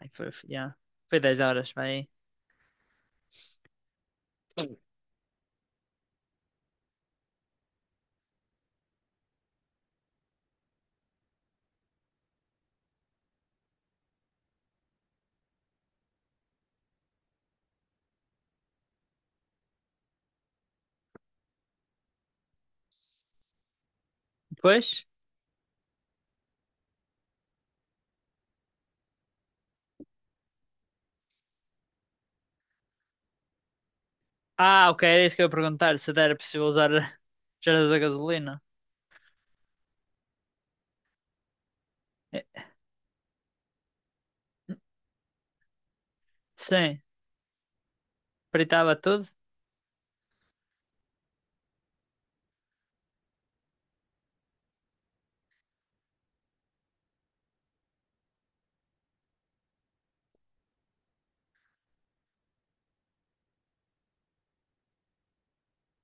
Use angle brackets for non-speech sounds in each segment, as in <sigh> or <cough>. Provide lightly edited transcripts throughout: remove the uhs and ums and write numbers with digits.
Ai, Foi, yeah. Foi 10 horas, vai aí. Depois? Ah, ok, era isso que eu ia perguntar. Se era possível usar <laughs> gerador da gasolina. Eh, Sim, fritava tudo.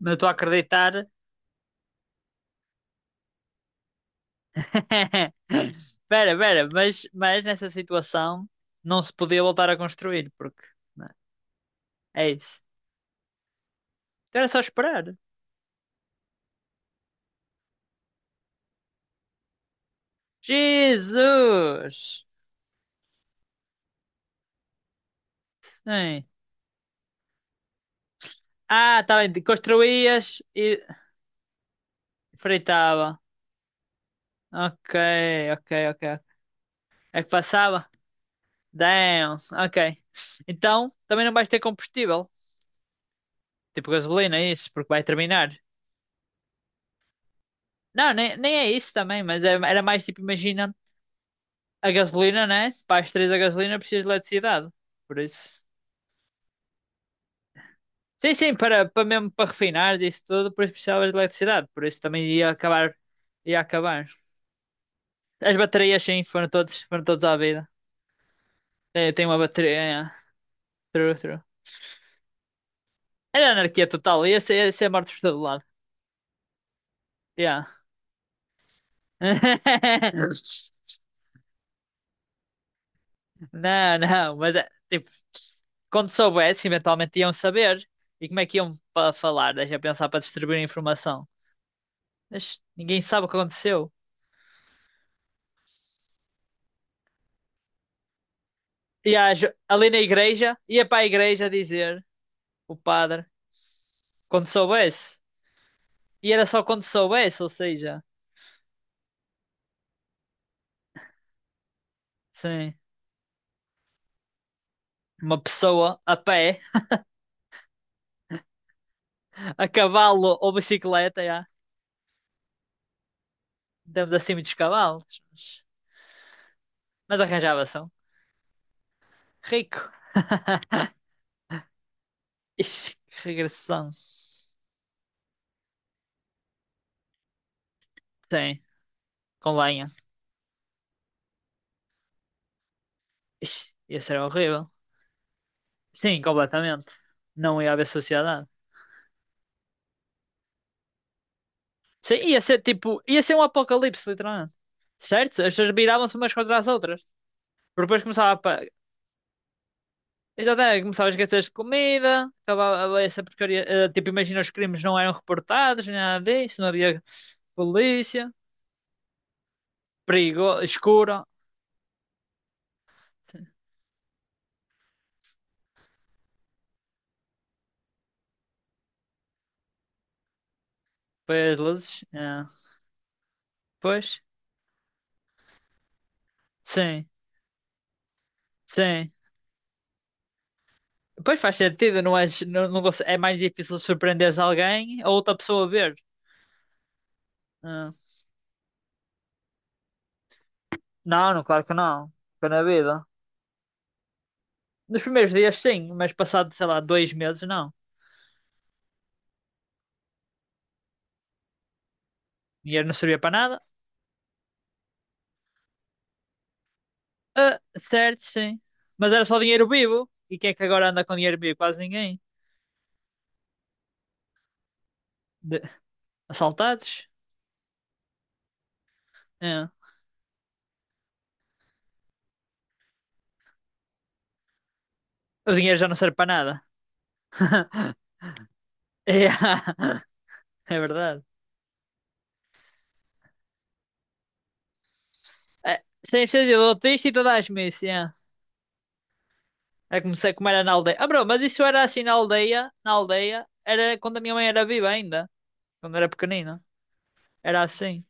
Não estou a acreditar. <laughs> Pera, pera, mas nessa situação não se podia voltar a construir, porque né, é isso. Então era só esperar. Jesus! Sim. Ah, tá bem, construías e fritava. Ok, ok, ok, ok. É que passava? Damn, ok. Então, também não vais ter combustível, tipo gasolina, é isso, porque vai terminar. Não, nem é isso também, mas era mais tipo, imagina, a gasolina, né? Para as três a gasolina precisas de eletricidade, por isso. Sim, sim, para mesmo para refinar isso tudo, por isso precisava de eletricidade, por isso também ia acabar, ia acabar. As baterias, sim, foram todos à vida. Tem uma bateria, yeah. True, true. Era anarquia total, ia ser morto por todo lado, yeah. <laughs> Não, não, mas é, tipo, quando soubesse, eventualmente iam saber. E como é que iam para falar? Deixa eu pensar para distribuir a informação. Mas ninguém sabe o que aconteceu. E ali na igreja, ia para a igreja dizer, o padre, quando soubesse. E era só quando soubesse, ou seja, sim, uma pessoa a pé, <laughs> a cavalo ou bicicleta, já, demos assim muitos cavalos. Mas mas arranjava-se um. Rico. Ixi, que regressão. Sim, com lenha. Ixi, ia ser horrível. Sim, completamente. Não ia haver sociedade. Sim, ia ser tipo, ia ser um apocalipse, literalmente. Certo? As pessoas viravam-se umas contra as outras. Porque depois começava a. Exatamente, começava a esquecer de comida, acabava essa porcaria. Tipo, imagina, os crimes não eram reportados, nem nada disso, não havia polícia, perigo, escuro. Foi as luzes, é. Pois, sim, sim. Pois faz sentido, não é, não, não, é mais difícil surpreender alguém ou outra pessoa ver. É. Não, não, claro que não. Foi na vida. Nos primeiros dias, sim, mas passado, sei lá, dois meses, não. Dinheiro não servia para nada. Ah, certo, sim. Mas era só dinheiro vivo. E quem é que agora anda com dinheiro vivo? Quase ninguém. De- Assaltados? É. O dinheiro já não serve para nada. <laughs> É, é verdade. É, sem ser eu dou triste e tu dás-me isso. É. É como, como era na aldeia. Ah, bro, mas isso era assim na aldeia. Na aldeia era quando a minha mãe era viva ainda. Quando era pequenina. Era assim.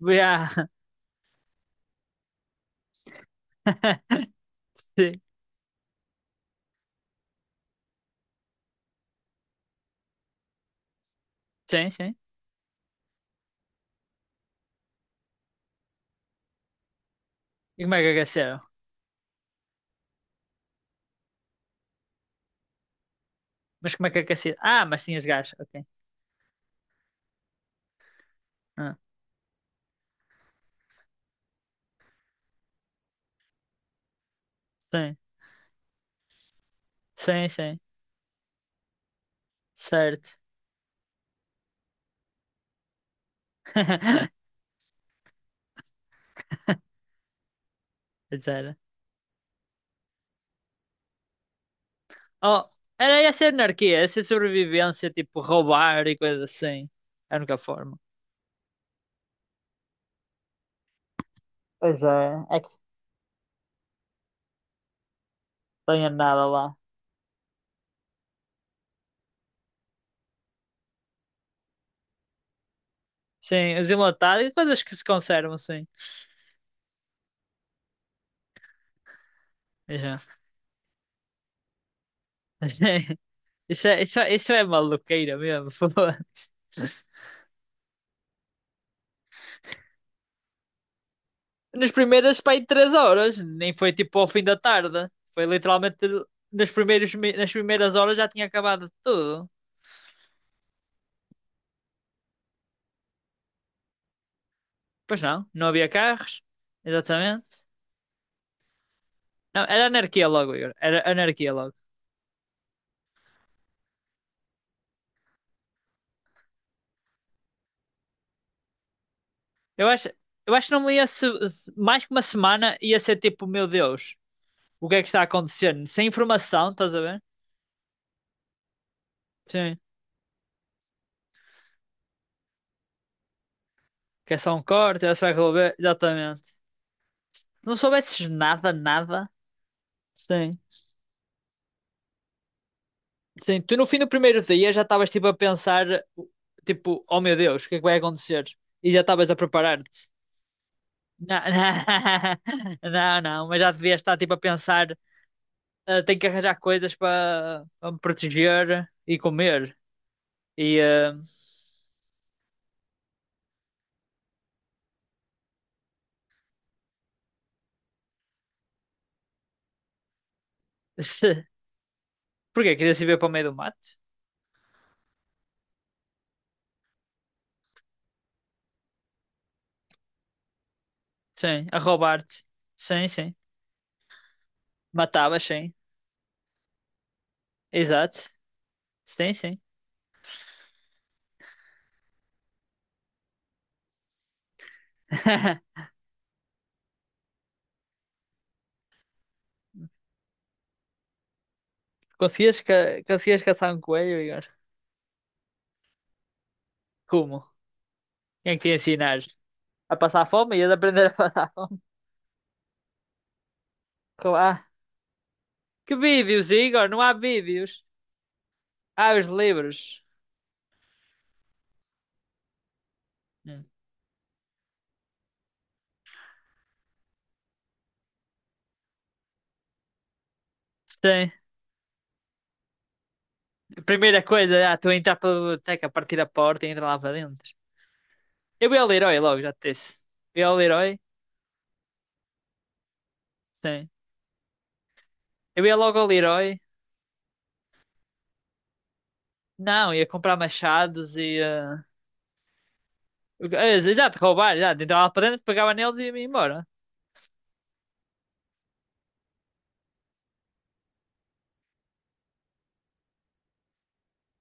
Yeah. <laughs> Sim, sim, sim. E como é que aqueceram? Mas como é que aqueceram? Ah, mas tinhas gás, ok. Ah, sim, sim, sim. Certo. <laughs> Pois era. Oh, era essa anarquia, essa sobrevivência, tipo roubar e coisas assim. É a única forma. Pois é, é que não tenha nada lá. Sim, os enlatados e coisas que se conservam, sim. Pois é. <laughs> Isso é, isso é, isso é maluqueira mesmo. <laughs> Foda. Nas primeiras, pá, aí três horas. Nem foi tipo ao fim da tarde. Foi literalmente nas primeiras horas já tinha acabado tudo. Pois não, não havia carros. Exatamente. Não, era anarquia logo, Igor. Era anarquia logo. Eu acho, eu acho que não ia se, mais que uma semana ia ser tipo, meu Deus, o que é que está acontecendo? Sem informação, estás a ver? Sim. Que é só um corte, já se vai resolver. Exatamente. Se não soubesses nada, nada. Sim. Sim, tu no fim do primeiro dia já estavas tipo a pensar, tipo, oh meu Deus, o que é que vai acontecer? E já estavas a preparar-te. Não, <laughs> não, não, mas já devias estar tipo a pensar, "Ah, tenho que arranjar coisas para me proteger e comer. E <laughs> porquê? Querias ir ver para o meio do mato? Sim, a roubar-te. Sim, sim. Matavas, sim. Exato. Sim, sim. <laughs> Conseguias caçar um coelho, Igor? Como? Quem é que te ia ensinar? A passar fome e a aprender a passar fome. Ah, que vídeos, Igor? Não há vídeos. Há os livros. Hum. Sim. A primeira coisa, tu entrar pela biblioteca, partir a porta e entrar lá para dentro. Eu ia ao Leroy logo, já te disse. Eu ia ao Leroy? Sim. Eu ia logo ao Leroy? Não, ia comprar machados e... é, exato, roubar, exato. Entrava lá para dentro, pegava neles e ia embora.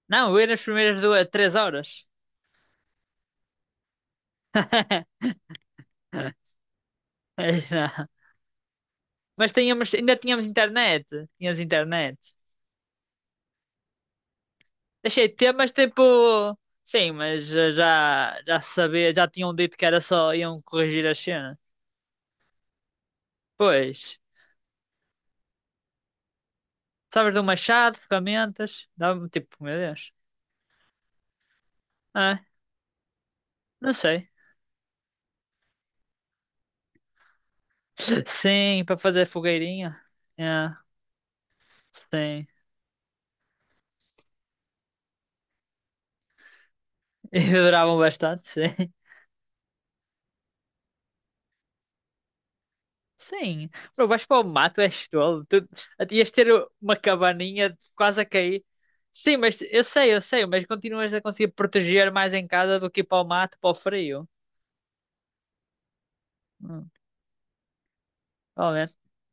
Não, eu ia nas primeiras duas, três horas. <laughs> Mas não. Mas tínhamos, ainda tínhamos internet. Tínhamos internet. Deixei de ter, mas tipo. Sim, mas já se sabia, já tinham dito que era só iam corrigir a cena. Pois, sabes do machado, ferramentas, dá-me tipo, meu Deus. Ah, não sei. <laughs> Sim, para fazer fogueirinha. É, sim. <laughs> E duravam bastante, sim. Sim. Bro, vais para o mato, és tolo. Tu ias ter uma cabaninha quase a cair. Sim, mas eu sei, mas continuas a conseguir proteger mais em casa do que ir para o mato, para o frio. Hum. Ó, né?